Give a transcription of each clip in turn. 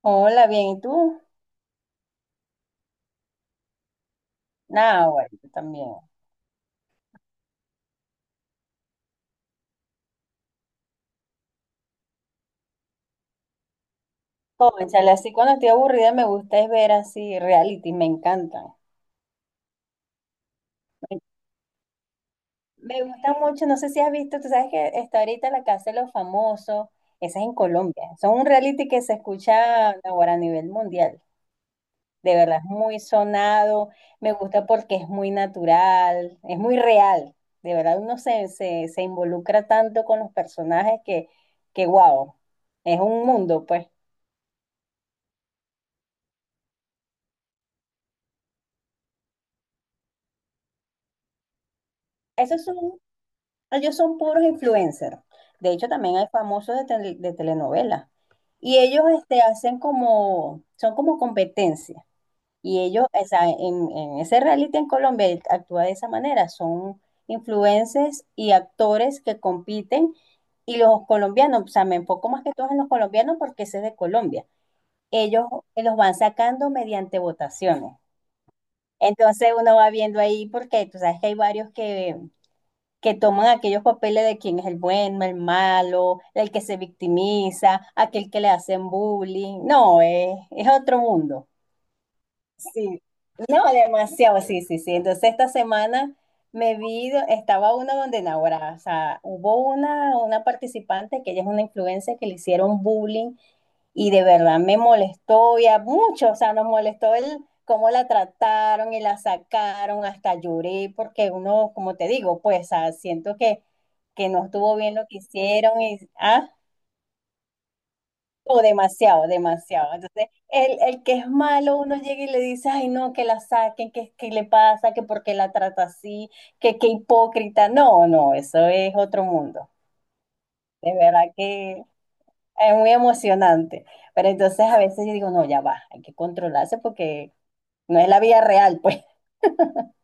Hola, bien, ¿y tú? Nada, bueno, yo también. Cónchale, así cuando estoy aburrida me gusta es ver así reality, me encantan. Me, me gustan mucho, no sé si has visto, tú sabes que está ahorita La Casa de los Famosos, esa es en Colombia. Son un reality que se escucha ahora a nivel mundial. De verdad, es muy sonado, me gusta porque es muy natural, es muy real. De verdad, uno se involucra tanto con los personajes que wow, es un mundo, pues. Eso es un Ellos son puros influencers. De hecho, también hay famosos de, de telenovelas. Y ellos este, hacen como, son como competencia. Y ellos, o sea, en ese reality en Colombia él actúa de esa manera. Son influencers y actores que compiten. Y los colombianos, o sea, me enfoco más que todos en los colombianos porque ese es de Colombia. Ellos los van sacando mediante votaciones. Entonces uno va viendo ahí porque tú sabes que hay varios que toman aquellos papeles de quién es el bueno, el malo, el que se victimiza, aquel que le hacen bullying. No, es otro mundo. Sí, no, demasiado, sí, sí, sí. Entonces esta semana me vi, estaba una donde Naguará, o sea, hubo una participante que ella es una influencer que le hicieron bullying y de verdad me molestó y a muchos, o sea, nos molestó el cómo la trataron y la sacaron, hasta lloré porque uno, como te digo, pues ah, siento que no estuvo bien lo que hicieron y, ah. O demasiado, demasiado. Entonces, el que es malo, uno llega y le dice, ay, no, que la saquen, que le pasa, que por qué la trata así, que qué hipócrita. No, no, eso es otro mundo. De verdad que es muy emocionante. Pero entonces a veces yo digo, no, ya va, hay que controlarse porque no es la vida real, pues.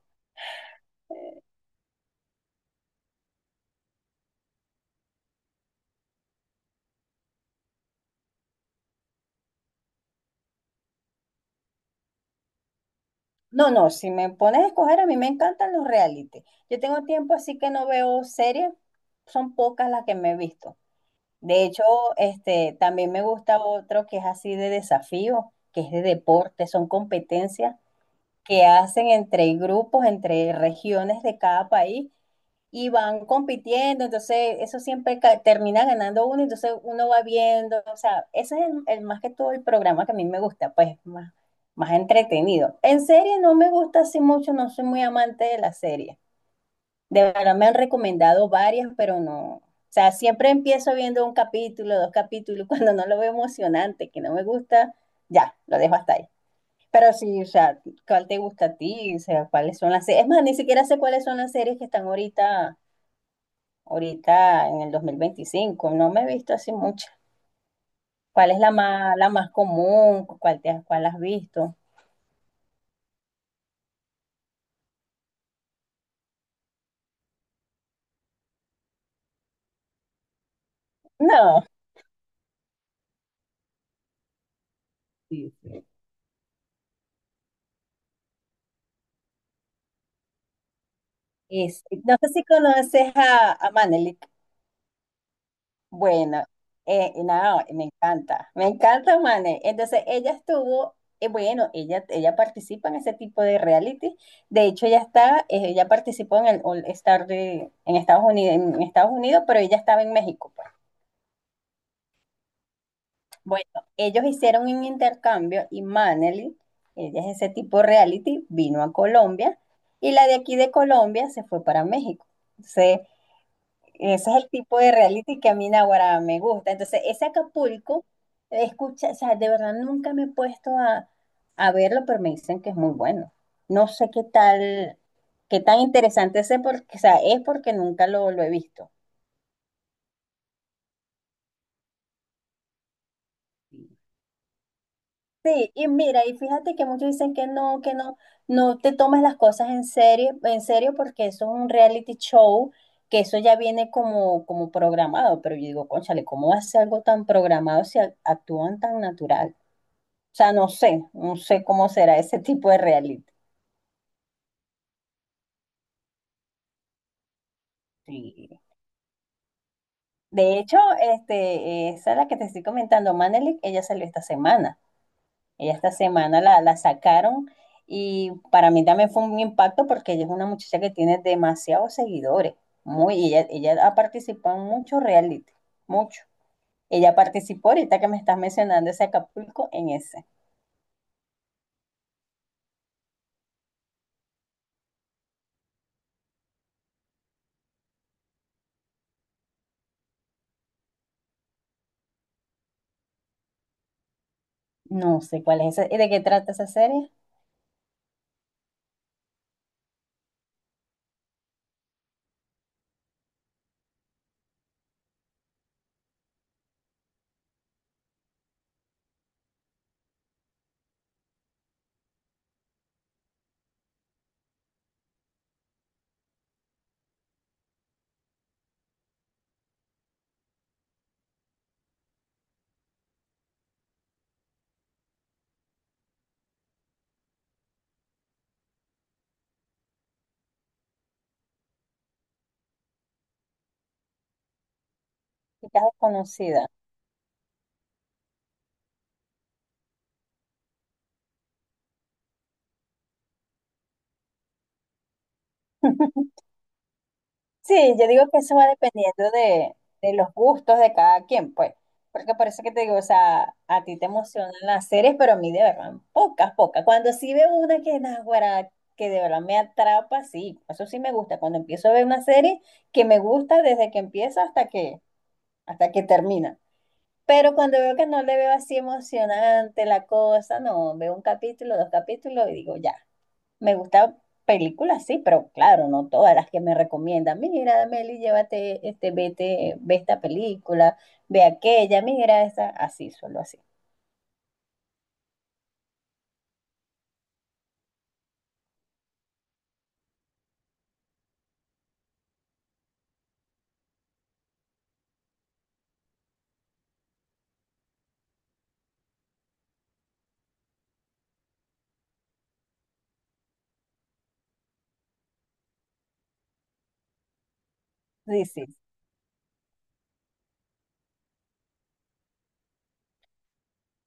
No, no, si me pones a escoger, a mí me encantan los reality. Yo tengo tiempo así que no veo series, son pocas las que me he visto. De hecho, este, también me gusta otro que es así de desafío, que es de deporte, son competencias que hacen entre grupos, entre regiones de cada país y van compitiendo, entonces eso siempre termina ganando uno, entonces uno va viendo, o sea, ese es el más que todo el programa que a mí me gusta, pues más entretenido. En serie no me gusta así mucho, no soy muy amante de la serie. De verdad me han recomendado varias, pero no. O sea, siempre empiezo viendo un capítulo, dos capítulos, cuando no lo veo emocionante, que no me gusta, ya, lo dejo hasta ahí. Pero sí, o sea, ¿cuál te gusta a ti? O sea, ¿cuáles son las series? Es más, ni siquiera sé cuáles son las series que están ahorita en el 2025. No me he visto así mucho. ¿Cuál es la más común? ¿Cuál te, cuál has visto? No. Sí, sí. Es- no sé si conoces a Manelik. Bueno, no, me encanta, Mane. Entonces, ella estuvo, bueno, ella participa en ese tipo de reality. De hecho, ella está, ella participó en el All Star de, en en Estados Unidos, pero ella estaba en México, pues. Bueno, ellos hicieron un intercambio y Maneli, ella es ese tipo de reality, vino a Colombia y la de aquí de Colombia se fue para México. Entonces, ese es el tipo de reality que a mí Naguará me gusta. Entonces, ese Acapulco, escucha, o sea, de verdad nunca me he puesto a verlo, pero me dicen que es muy bueno. No sé qué tal, qué tan interesante es, porque, o sea, es porque nunca lo he visto. Sí, y mira, y fíjate que muchos dicen que no, no te tomes las cosas en serio, porque eso es un reality show, que eso ya viene como, como programado, pero yo digo, cónchale, ¿cómo hace algo tan programado si actúan tan natural? O sea, no sé cómo será ese tipo de reality. Sí. De hecho, este, esa es la que te estoy comentando, Manelik, ella salió esta semana. Ella esta semana la sacaron y para mí también fue un impacto porque ella es una muchacha que tiene demasiados seguidores. Muy, y ella ha participado en muchos reality, mucho. Ella participó ahorita que me estás mencionando ese Acapulco en ese. No sé cuál es ese. ¿De qué trata esa serie? Chica desconocida. Sí, yo digo que eso va dependiendo de los gustos de cada quien, pues. Porque por eso que te digo, o sea, a ti te emocionan las series, pero a mí de verdad, pocas, pocas. Cuando sí veo una que naguará, que de verdad me atrapa, sí, eso sí me gusta. Cuando empiezo a ver una serie que me gusta desde que empieza hasta que termina. Pero cuando veo que no le veo así emocionante la cosa, no, veo un capítulo, dos capítulos y digo, ya. Me gustan películas, sí, pero claro, no todas las que me recomiendan. Mira, Meli, llévate, este, vete, ve esta película, ve aquella, mira esa, así, solo así. Sí, sí.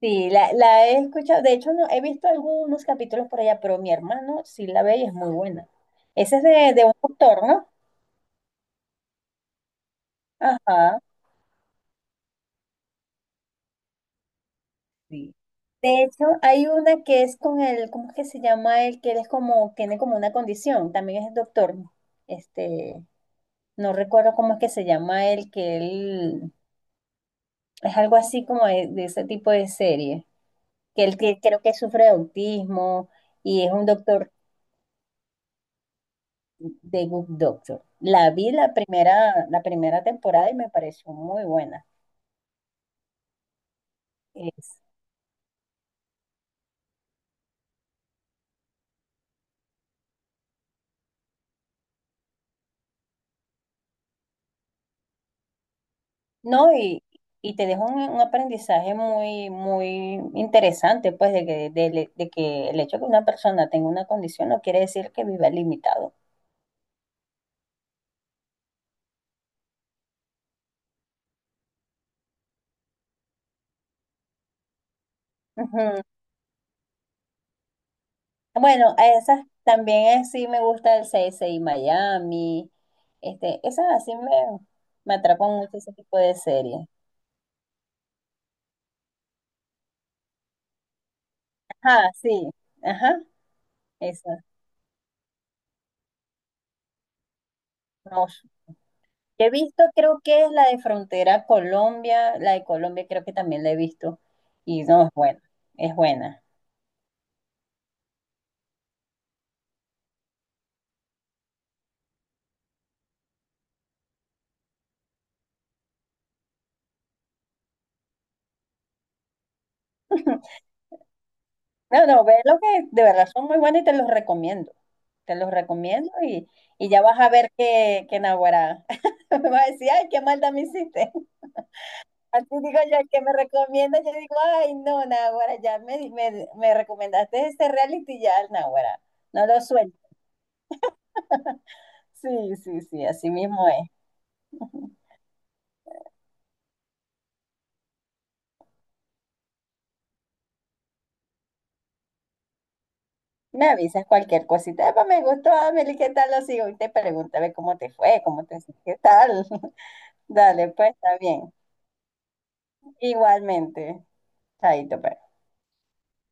Sí, la he escuchado. De hecho, no, he visto algunos capítulos por allá, pero mi hermano sí la ve y es muy buena. Esa es de un autor, ¿no? Ajá. Sí. De hecho, hay una que es con el, ¿cómo es que se llama él? Que él es como, tiene como una condición, también es doctor. Este, no recuerdo cómo es que se llama él, que él es algo así como de ese tipo de serie, que él que, creo que sufre de autismo y es un doctor de Good Doctor. La vi la primera temporada y me pareció muy buena. Es- no, y te dejo un aprendizaje muy interesante, pues, de que el hecho de que una persona tenga una condición no quiere decir que viva limitado. Ujú. Bueno, a esas también sí me gusta el CSI Miami. Este, esas así me atrapan mucho ese tipo de series. Ajá, sí, ajá, esa. No, he visto, creo que es la de Frontera Colombia, la de Colombia creo que también la he visto. Y no, es buena, es buena. No, no, ve lo que de verdad son muy buenas y te los recomiendo. Te los recomiendo y ya vas a ver que naguará. Me vas a decir, ay, qué maldad me hiciste. Así digo yo, el que me recomienda, yo digo, ay, no, Nahuara, ya me recomendaste este reality, ya, Nahuara, no lo suelto. Sí, sí, sí, así mismo es. Me avisas cualquier cosita, "Epa, me gustó, Amelie, ¿qué tal lo sigo? Y te pregunto, a ver cómo te fue, cómo te, qué tal. Dale, pues, está bien. Igualmente, chaito, pues.